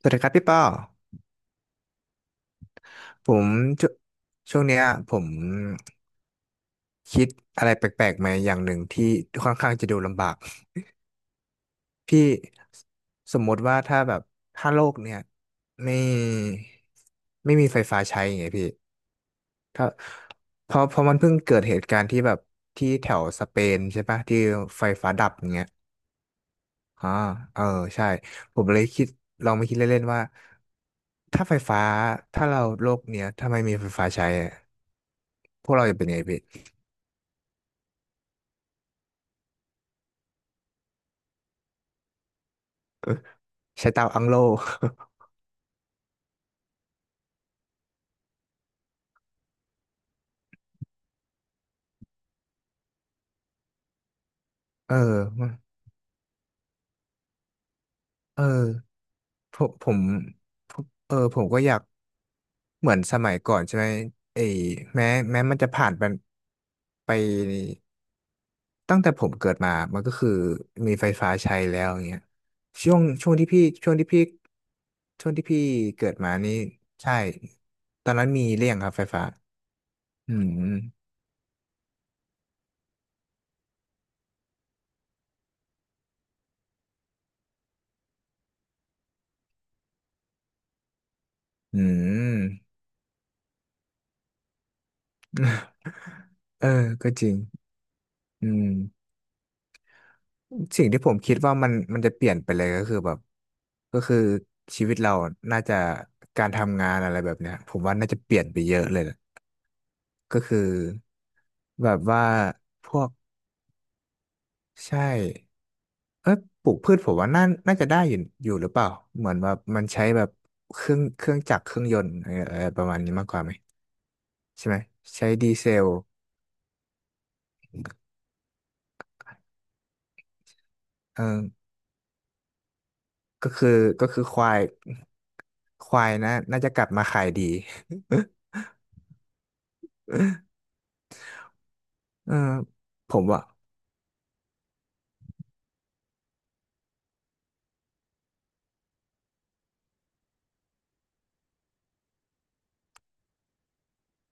สวัสดีครับพี่ป้อผมชช่วงเนี้ยผมคิดอะไรแปลกๆมาอย่างหนึ่งที่ค่อนข้างจะดูลำบากพี่สมมติว่าถ้าแบบถ้าโลกเนี่ยไม่ไม่มีไฟฟ้าใช้อย่างเงี้ยพี่ถ้าเพราะมันเพิ่งเกิดเหตุการณ์ที่แบบที่แถวสเปนใช่ปะที่ไฟฟ้าดับอย่างเงี้ยอ่าเออใช่ผมเลยคิดลองมาคิดเล่นๆว่าถ้าไฟฟ้าถ้าเราโลกเนี้ยถ้าไม่มีไฟฟ้าใช้อะพวกเราจะเป็นไงพี่ ใช้เตาอังโล เออมันเออผมเออ ผมก็อยากเหมือนสมัยก่อนใช่ไหมไอ้แม้แม้มันจะผ่านไปไปตั้งแต่ผมเกิดมา มันก็คือมีไฟฟ้าใช้แล้วอย่างเงี้ยช่วงช่วงที่พี่ช่วงที่พี่ช่วงที่พี่เกิดมานี่ใช่ตอนนั้นมีเรี่ยงครับไฟฟ้า อืมอืม เออ ก็จริงอืม สิ่งที่ผมคิดว่ามันจะเปลี่ยนไปเลยก็คือแบบก็คือชีวิตเราน่าจะการทำงานอะไรแบบเนี้ยผมว่าน่าจะเปลี่ยนไปเยอะเลยนะก็คือแบบว่าพวกใช่เอ้ยปลูกพืชผมว่าน่าจะได้อยู่อยู่หรือเปล่าเหมือนแบบมันใช้แบบเครื่องจักรเครื่องยนต์อะไรอะไรประมาณนี้มากกว่าไหมใช่ไหมใช้ดีเซลเออก็คือก็คือควายควายนะน่าจะกลับมาขายดี เออผมว่า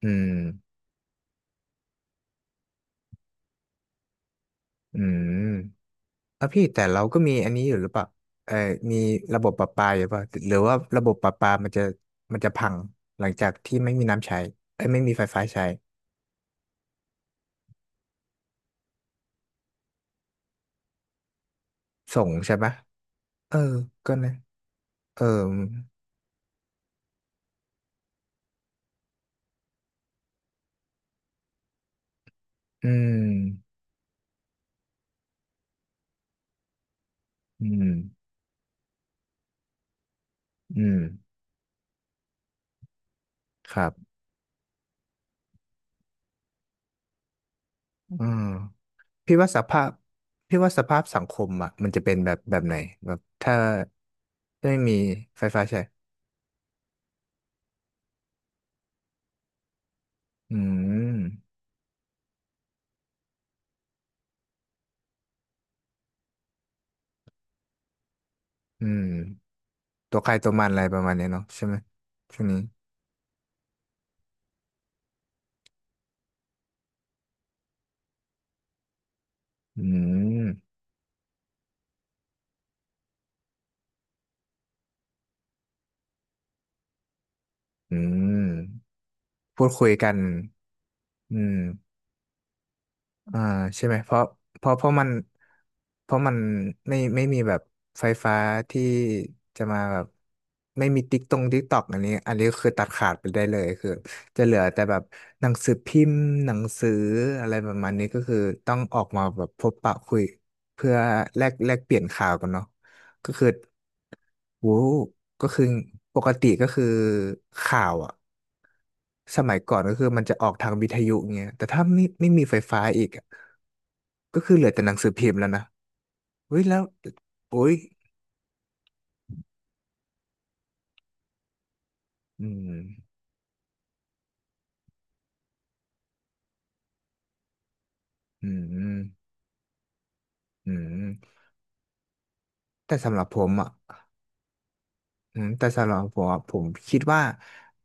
อืมอืมแล้วพี่แต่เราก็มีอันนี้อยู่หรือเปล่า เออมีระบบประปาอยู่เปล่าหรือว่าระบบประปามันจะพังหลังจากที่ไม่มีน้ำใช้เอ้ยไม่มีไฟฟ้าใช้ส่งใช่ปะเออก็นะเอออืมอืมอืมครับอืมพี่ว่าสภาพพี่ว่าสภาพสังคมอ่ะมันจะเป็นแบบแบบไหนแบบถ้าไม่มีไฟฟ้าใช้อืมอืม ตัวใครตัวมันอะไรประมาณเนี้ยเนาะใช่ไหมช่วงนี้อืมอืมพูดคุยกันอืมอ่าใช่ไหมเพราะเพราะมันเพราะมันไม่มีแบบไฟฟ้าที่จะมาแบบไม่มีติ๊กตรงติ๊กตอกอันนี้คือตัดขาดไปได้เลยคือจะเหลือแต่แบบหนังสือพิมพ์หนังสืออะไรประมาณนี้ก็คือต้องออกมาแบบพบปะคุยเพื่อแลกเปลี่ยนข่าวกันเนาะก็คือ โว้ก็คือปกติก็คือข่าวอ่ะสมัยก่อนก็คือมันจะออกทางวิทยุเงี้ยแต่ถ้าไม่มีไฟฟ้าอีกอะก็คือเหลือแต่หนังสือพิมพ์แล้วนะเฮ้ยแล้วโอ้ยอืมอืมอืมแต่สำหรับผมอ่ะ อืมแต่สำหรับผมอะผมคิดว่า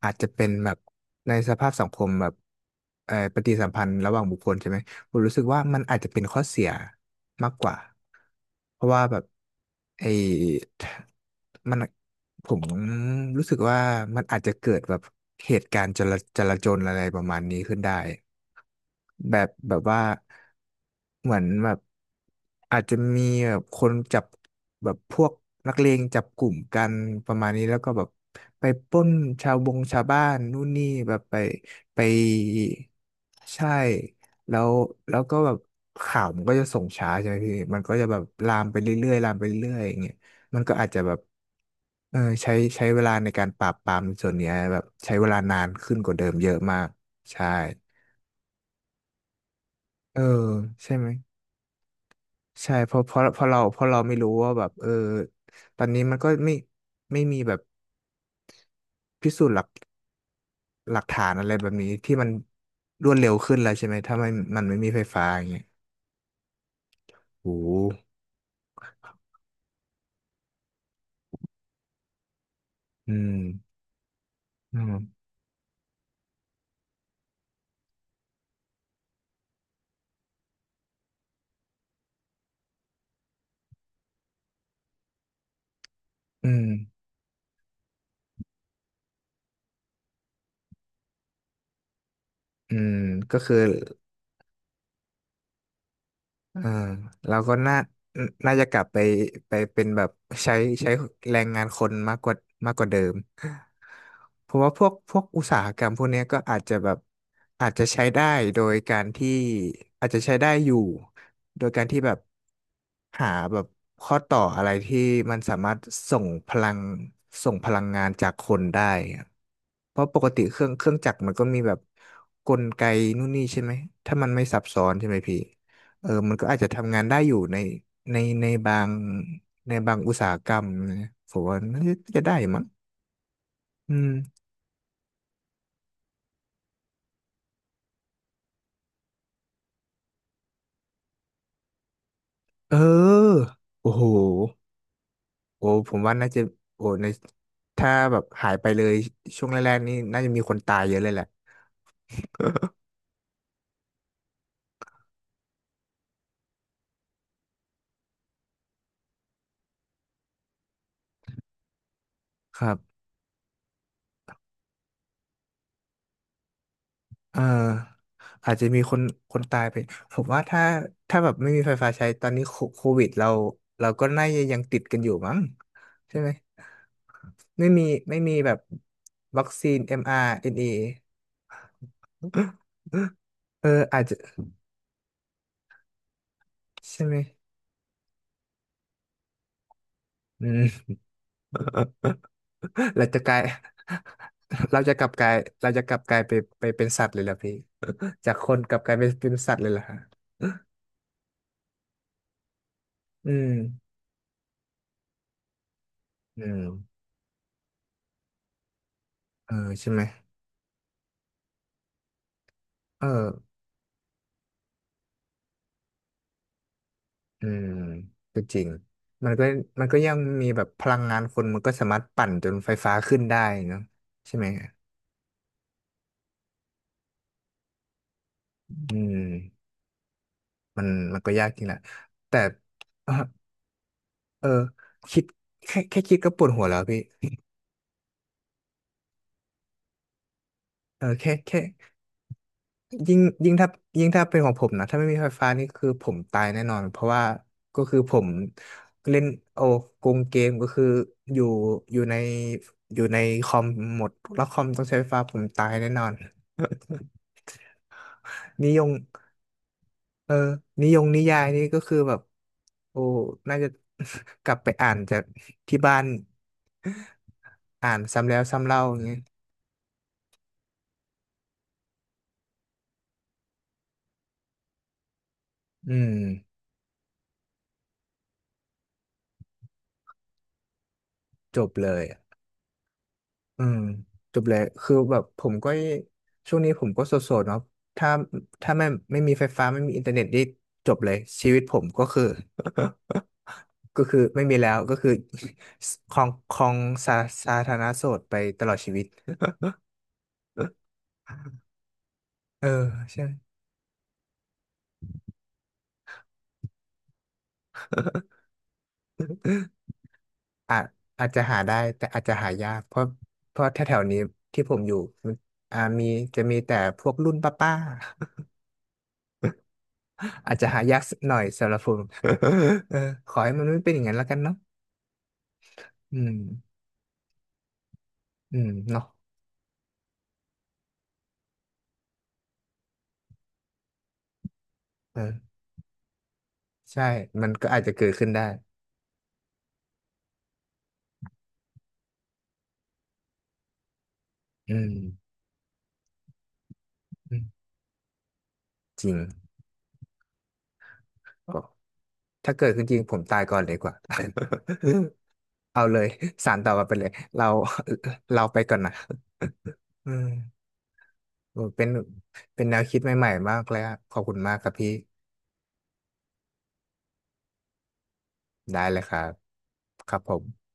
อาจจะเป็นแบบในสภาพสังคมแบบเอ่อปฏิสัมพันธ์ระหว่างบุคคลใช่ไหมผมรู้สึกว่ามันอาจจะเป็นข้อเสียมากกว่าเพราะว่าแบบไอ้มันผมรู้สึกว่ามันอาจจะเกิดแบบเหตุการณ์จลาจลาจลอะไรประมาณนี้ขึ้นได้ แบบแบบว่าเหมือนแบบอาจจะมีแบบคนจับแบบพวกนักเลงจับกลุ่มกันประมาณนี้แล้วก็แบบไปปล้นชาวบงชาวบ้านนู่นนี่แบบไปใช่แล้วแล้วก็แบบข่าวมันก็จะส่งช้าใช่ไหมพี่มันก็จะแบบลามไปเรื่อยๆลามไปเรื่อยๆอย่างเงี้ยมันก็อาจจะแบบเออใช้เวลาในการปราบปรามในส่วนเนี้ยแบบใช้เวลานานขึ้นกว่าเดิมเยอะมากใช่ เออใช่ไหมใช่เพราะเราไม่รู้ว่าแบบเออตอนนี้มันก็ไม่ไม่มีแบบพิสูจน์หลักฐานอะไรแบบนี้ที่มันรวดเร็วขึ้นแล้วใช่ไหมถ้ามันไม่มีไฟฟ้าอย่างเงี้ยโอ้โหอืมอืมอืมอืมก็คือ อ่าเราก็น่าจะกลับไปไปเป็นแบบใช้ใช้แรงงานคนมากกว่ามากกว่าเดิมเพราะว่าพวกอุตสาหกรรมพวกเนี้ยก็อาจจะแบบอาจจะใช้ได้โดยการที่อาจจะใช้ได้อยู่โดยการที่แบบหาแบบข้อต่ออะไรที่มันสามารถส่งพลังส่งพลังงานจากคนได้อะเพราะปกติเครื่องจักรมันก็มีแบบกลไกนู่นนี่ใช่ไหมถ้ามันไม่ซับซ้อนใช่ไหมพี่ เออมันก็อาจจะทำงานได้อยู่ในในในบางในบางอุตสาหกรรมนะผมว่าน่าจะได้มั้งอืม เออ โอ้โหโอ้ผมว่าน่าจะโอ้ในถ้าแบบหายไปเลยช่วงแรกๆนี่น่าจะมีคนตายเยอะเลยแหละ ครับเอออาจจะมีคนตายไป ผมว่าถ้าถ้าแบบไม่มีไฟฟ้าใช้ตอนนี้โคโควิดเราเราก็น่าจะยังติดกันอยู่มั้งใช่ไหมไม่มีไม่มีแบบวัคซีน mRNA เอออาจจะใช่ไหมอืม เราจะกลาย เราจะกลับกลายเราจะกลับกลายไปเป็นสัตว์เลยเหรอพี่ จากคนกลับกลายไปเป็นสัตว์เลยเหรอฮะอืมอืมเออใช่ไหมเอออืมก็จริงมันก็มันก็ยังมีแบบพลังงานคนมันก็สามารถปั่นจนไฟฟ้าขึ้นได้เนอะใช่ไหมอืมมันมันก็ยากจริงแหละแต่ เออเออคิดแค่คิดก็ปวดหัวแล้วพี่เออแค่ยิ่งถ้ายิ่งถ้าเป็นของผมนะถ้าไม่มีไฟฟ้านี่คือผมตายแน่นอนเพราะว่าก็คือผมเล่นโอ้โกงเกมก็คืออยู่อยู่ในอยู่ในคอมหมดแล้วคอมต้องใช้ไฟฟ้าผมตายแน่นอน นิยมเออนิยนิยายนี่ก็คือแบบโอ้น่าจะ กลับไปอ่านจากที่บ้านอ่านซ้ำแล้วซ้ำเล่าอย่างเงี้ยอืมจบเลย อืมจบเลยคือแบบผมก็ช่วงนี้ผมก็โสดๆเนาะถ้าถ้าไม่มีไฟฟ้าไม่มีอินเทอร์เน็ตนี่จบเลยชีวิตผมก็คือ ก็คือไม่มีแล้วก็คือ คลองครองสาสาธารณโสดไปตลอดชีวิต เออใช่ อาจจะหาได้แต่อาจจะหายากเพราะแถวๆนี้ที่ผมอยู่มันมีจะมีแต่พวกรุ่นป้าๆ อาจจะหายากหน่อยสำหรับผม เออขอให้มันไม่เป็นอย่างนั้นแล้วกันเนาะ อืมอืมเนาะเออใช่มันก็อาจจะเกิดขึ้นได้อืมอืมจริงก็ถ้าเกิดขึ้นจริงผมตายก่อนเลยกว่า เอาเลยสารต่อกันไปเลยเรา เราไปก่อนนะ อืมโอ้เป็นแนวคิดใหม่ๆมากเลยอะขอบคุณมากครับพี่ได้เลยครับครับผม